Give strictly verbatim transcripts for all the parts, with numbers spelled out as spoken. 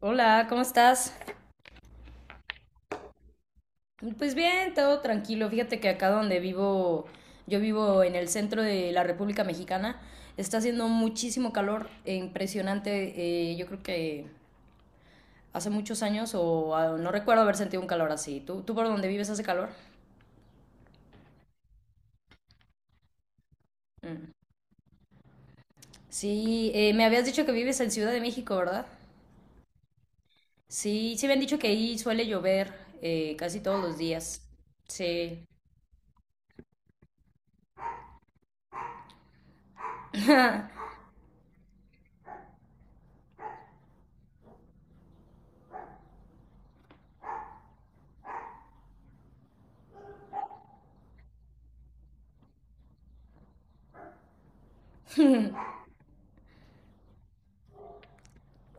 Hola, ¿cómo estás? Pues bien, todo tranquilo. Fíjate que acá donde vivo, yo vivo en el centro de la República Mexicana, está haciendo muchísimo calor, eh, impresionante. Eh, yo creo que hace muchos años o ah, no recuerdo haber sentido un calor así. ¿Tú, tú por donde vives hace calor? Mm. Sí, eh, me habías dicho que vives en Ciudad de México, ¿verdad? Sí, sí me han dicho que ahí suele llover eh, casi todos los días. Sí.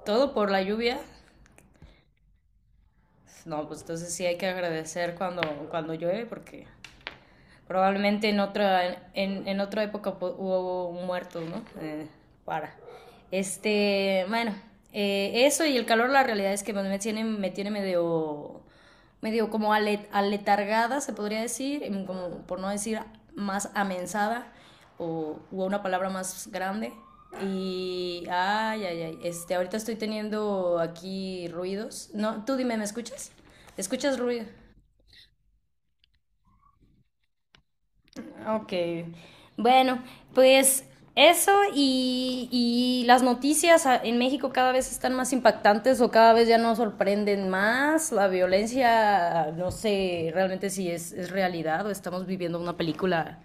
Todo por la lluvia. No, pues entonces sí hay que agradecer cuando, cuando llueve porque probablemente en otra, en, en otra época hubo un muerto, ¿no? Eh, para. Este, bueno, eh, eso y el calor, la realidad es que bueno, me tiene, me tiene medio, medio como alet, aletargada, se podría decir, em, como por no decir más amensada o, o una palabra más grande. Y, ay, ay, ay, este, ahorita estoy teniendo aquí ruidos. No, tú dime, ¿me escuchas? ¿Escuchas ruido? Ok. Bueno, pues eso y, y las noticias a- en México cada vez están más impactantes o cada vez ya nos sorprenden más. La violencia, no sé realmente si es, es realidad o estamos viviendo una película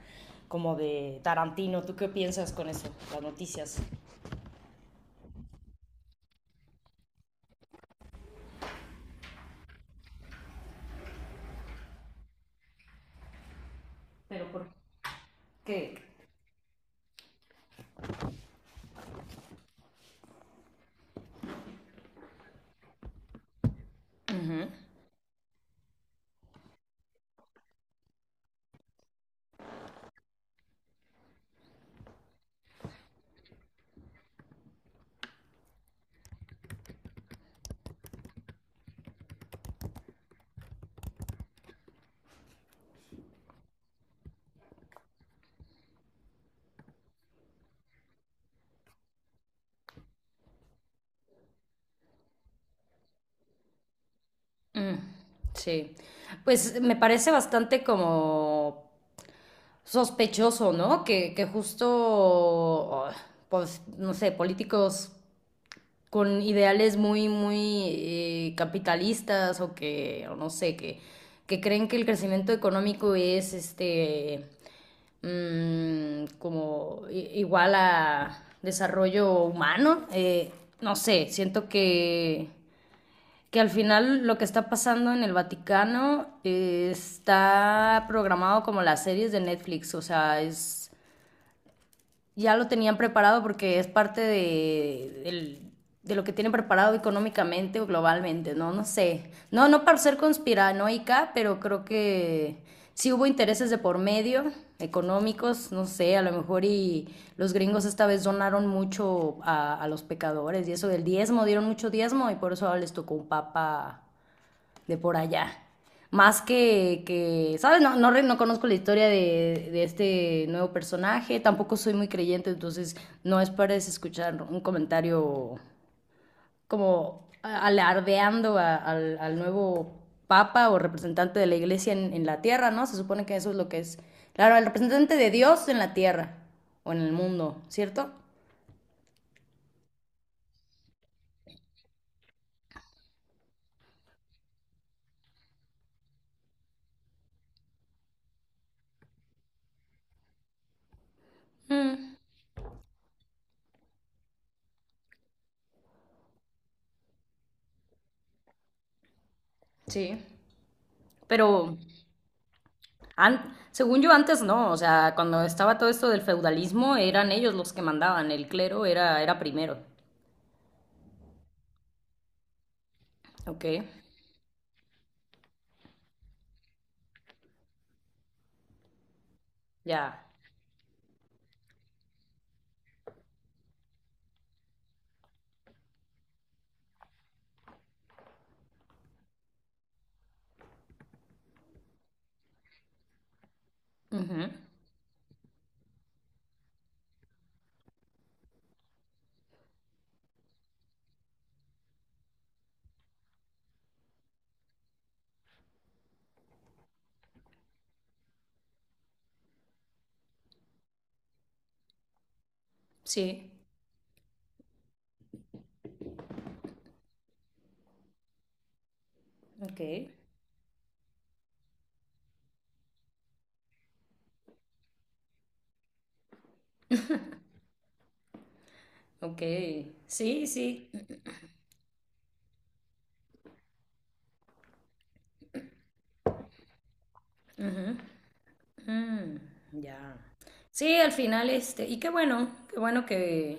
como de Tarantino. ¿Tú qué piensas con eso, las noticias? Pero ¿por qué? Ujú. Mm, sí. Pues me parece bastante como sospechoso, ¿no? Que, que justo, oh, pues, no sé, políticos con ideales muy, muy eh, capitalistas o que, o no sé, que, que creen que el crecimiento económico es, este, mm, como i- igual a desarrollo humano. Eh, no sé, siento que, que al final lo que está pasando en el Vaticano eh, está programado como las series de Netflix, o sea, es ya lo tenían preparado porque es parte de, del- de lo que tienen preparado económicamente o globalmente, ¿no? No sé. No, no para ser conspiranoica, pero creo que sí hubo intereses de por medio, económicos, no sé, a lo mejor y los gringos esta vez donaron mucho a, a los pecadores y eso del diezmo, dieron mucho diezmo y por eso ahora les tocó un papa de por allá. Más que, que ¿sabes? No, no, no conozco la historia de, de este nuevo personaje, tampoco soy muy creyente, entonces no esperes escuchar un comentario como alardeando a- al, al nuevo papa o representante de la iglesia en, en la tierra, ¿no? Se supone que eso es lo que es. Claro, el representante de Dios en la tierra o en el mundo, ¿cierto? Sí. Pero An- según yo antes no, o sea, cuando estaba todo esto del feudalismo eran ellos los que mandaban, el clero era, era primero. Ok, ya. Ujú, sí, ok, ok. Sí, sí. Mm, ya. Sí, al final este, y qué bueno, qué bueno que,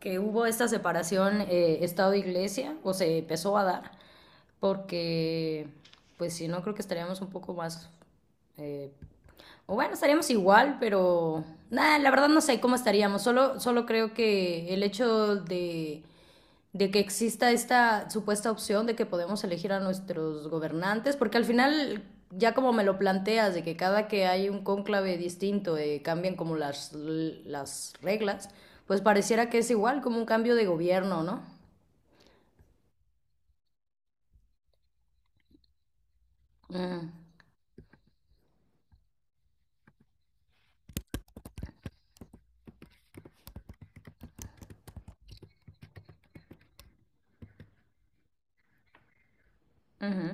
que hubo esta separación eh, Estado-Iglesia, o se empezó a dar, porque pues si no creo que estaríamos un poco más... eh, O bueno, estaríamos igual, pero nada, la verdad no sé cómo estaríamos. Solo, solo creo que el hecho de, de que exista esta supuesta opción de que podemos elegir a nuestros gobernantes, porque al final, ya como me lo planteas, de que cada que hay un cónclave distinto eh, cambian como las, las reglas, pues pareciera que es igual como un cambio de gobierno, ¿no? Mm, ujú,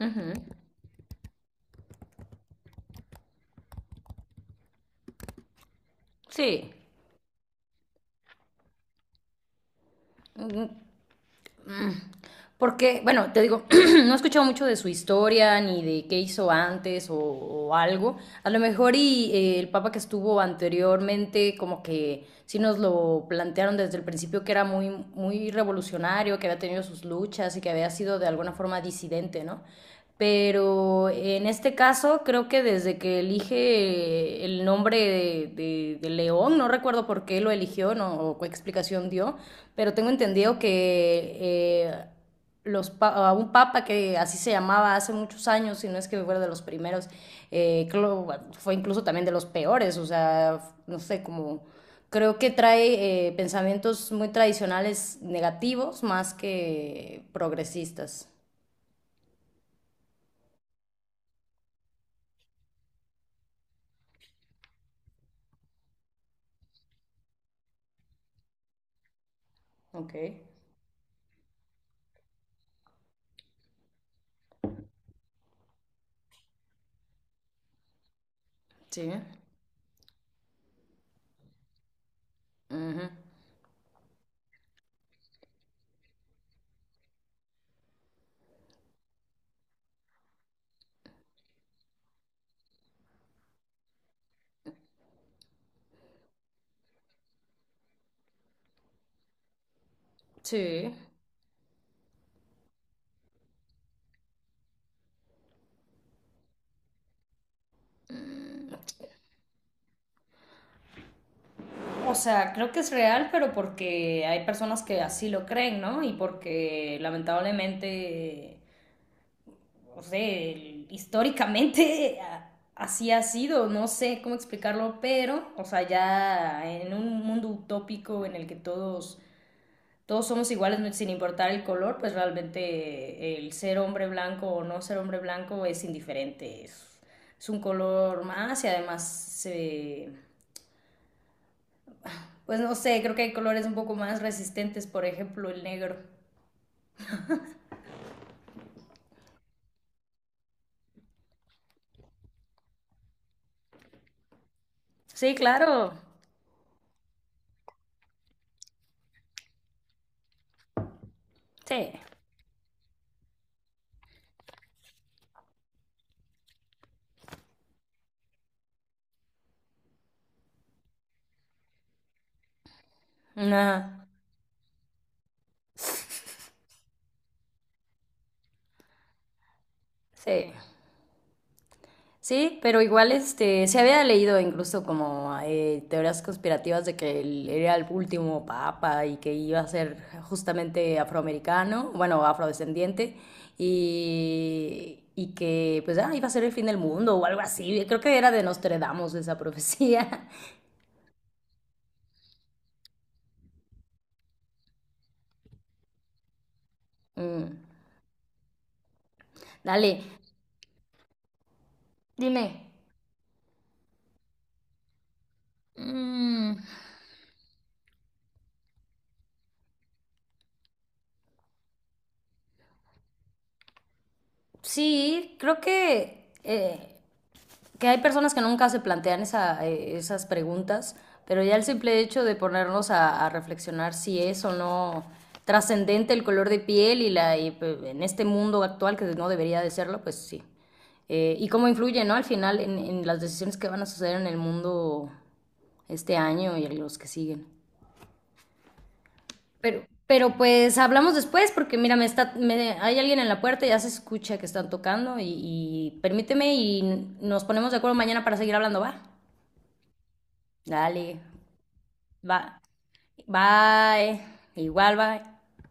ujú. Sí. Porque, bueno, te digo, no he escuchado mucho de su historia ni de qué hizo antes o, o algo. A lo mejor y eh, el papa que estuvo anteriormente, como que sí nos lo plantearon desde el principio que era muy, muy revolucionario, que había tenido sus luchas y que había sido de alguna forma disidente, ¿no? Pero en este caso creo que desde que elige el nombre de, de- de León, no recuerdo por qué lo eligió no, o qué explicación dio, pero tengo entendido que eh, los pa a un papa que así se llamaba hace muchos años, si no es que fuera de los primeros, eh, clo- fue incluso también de los peores, o sea, no sé, como creo que trae eh, pensamientos muy tradicionales negativos más que progresistas. Ok. Sí. Uh -huh. Sí. O sea, creo que es real, pero porque hay personas que así lo creen, ¿no? Y porque lamentablemente no sé, históricamente así ha sido, no sé cómo explicarlo, pero, o sea, ya en un mundo utópico en el que todos, todos somos iguales no- sin importar el color, pues realmente el ser hombre blanco o no ser hombre blanco es indiferente, es, es un color más y además, se- pues no sé, creo que hay colores un poco más resistentes, por ejemplo, el negro. Sí, claro, sí. Nah, sí. Sí, pero igual este, se había leído incluso como eh, teorías conspirativas de que él era el último papa y que iba a ser justamente afroamericano, bueno, afrodescendiente, y, y que pues ah, iba a ser el fin del mundo o algo así. Creo que era de Nostradamus esa profecía. Mm, dale, dime. Mm, sí, creo que... eh, que hay personas que nunca se plantean esa, eh, esas preguntas, pero ya el simple hecho de ponernos a, a reflexionar si es o no trascendente el color de piel y, la, y, pues, en este mundo actual que no debería de serlo, pues sí. Eh, y cómo influye, ¿no? Al final en, en, las decisiones que van a suceder en el mundo este año y los que siguen. Pero, pero pues hablamos después porque mira, me está, me, hay alguien en la puerta, ya se escucha que están tocando y, y permíteme y nos ponemos de acuerdo mañana para seguir hablando, ¿va? Dale, va, bye, igual, bye.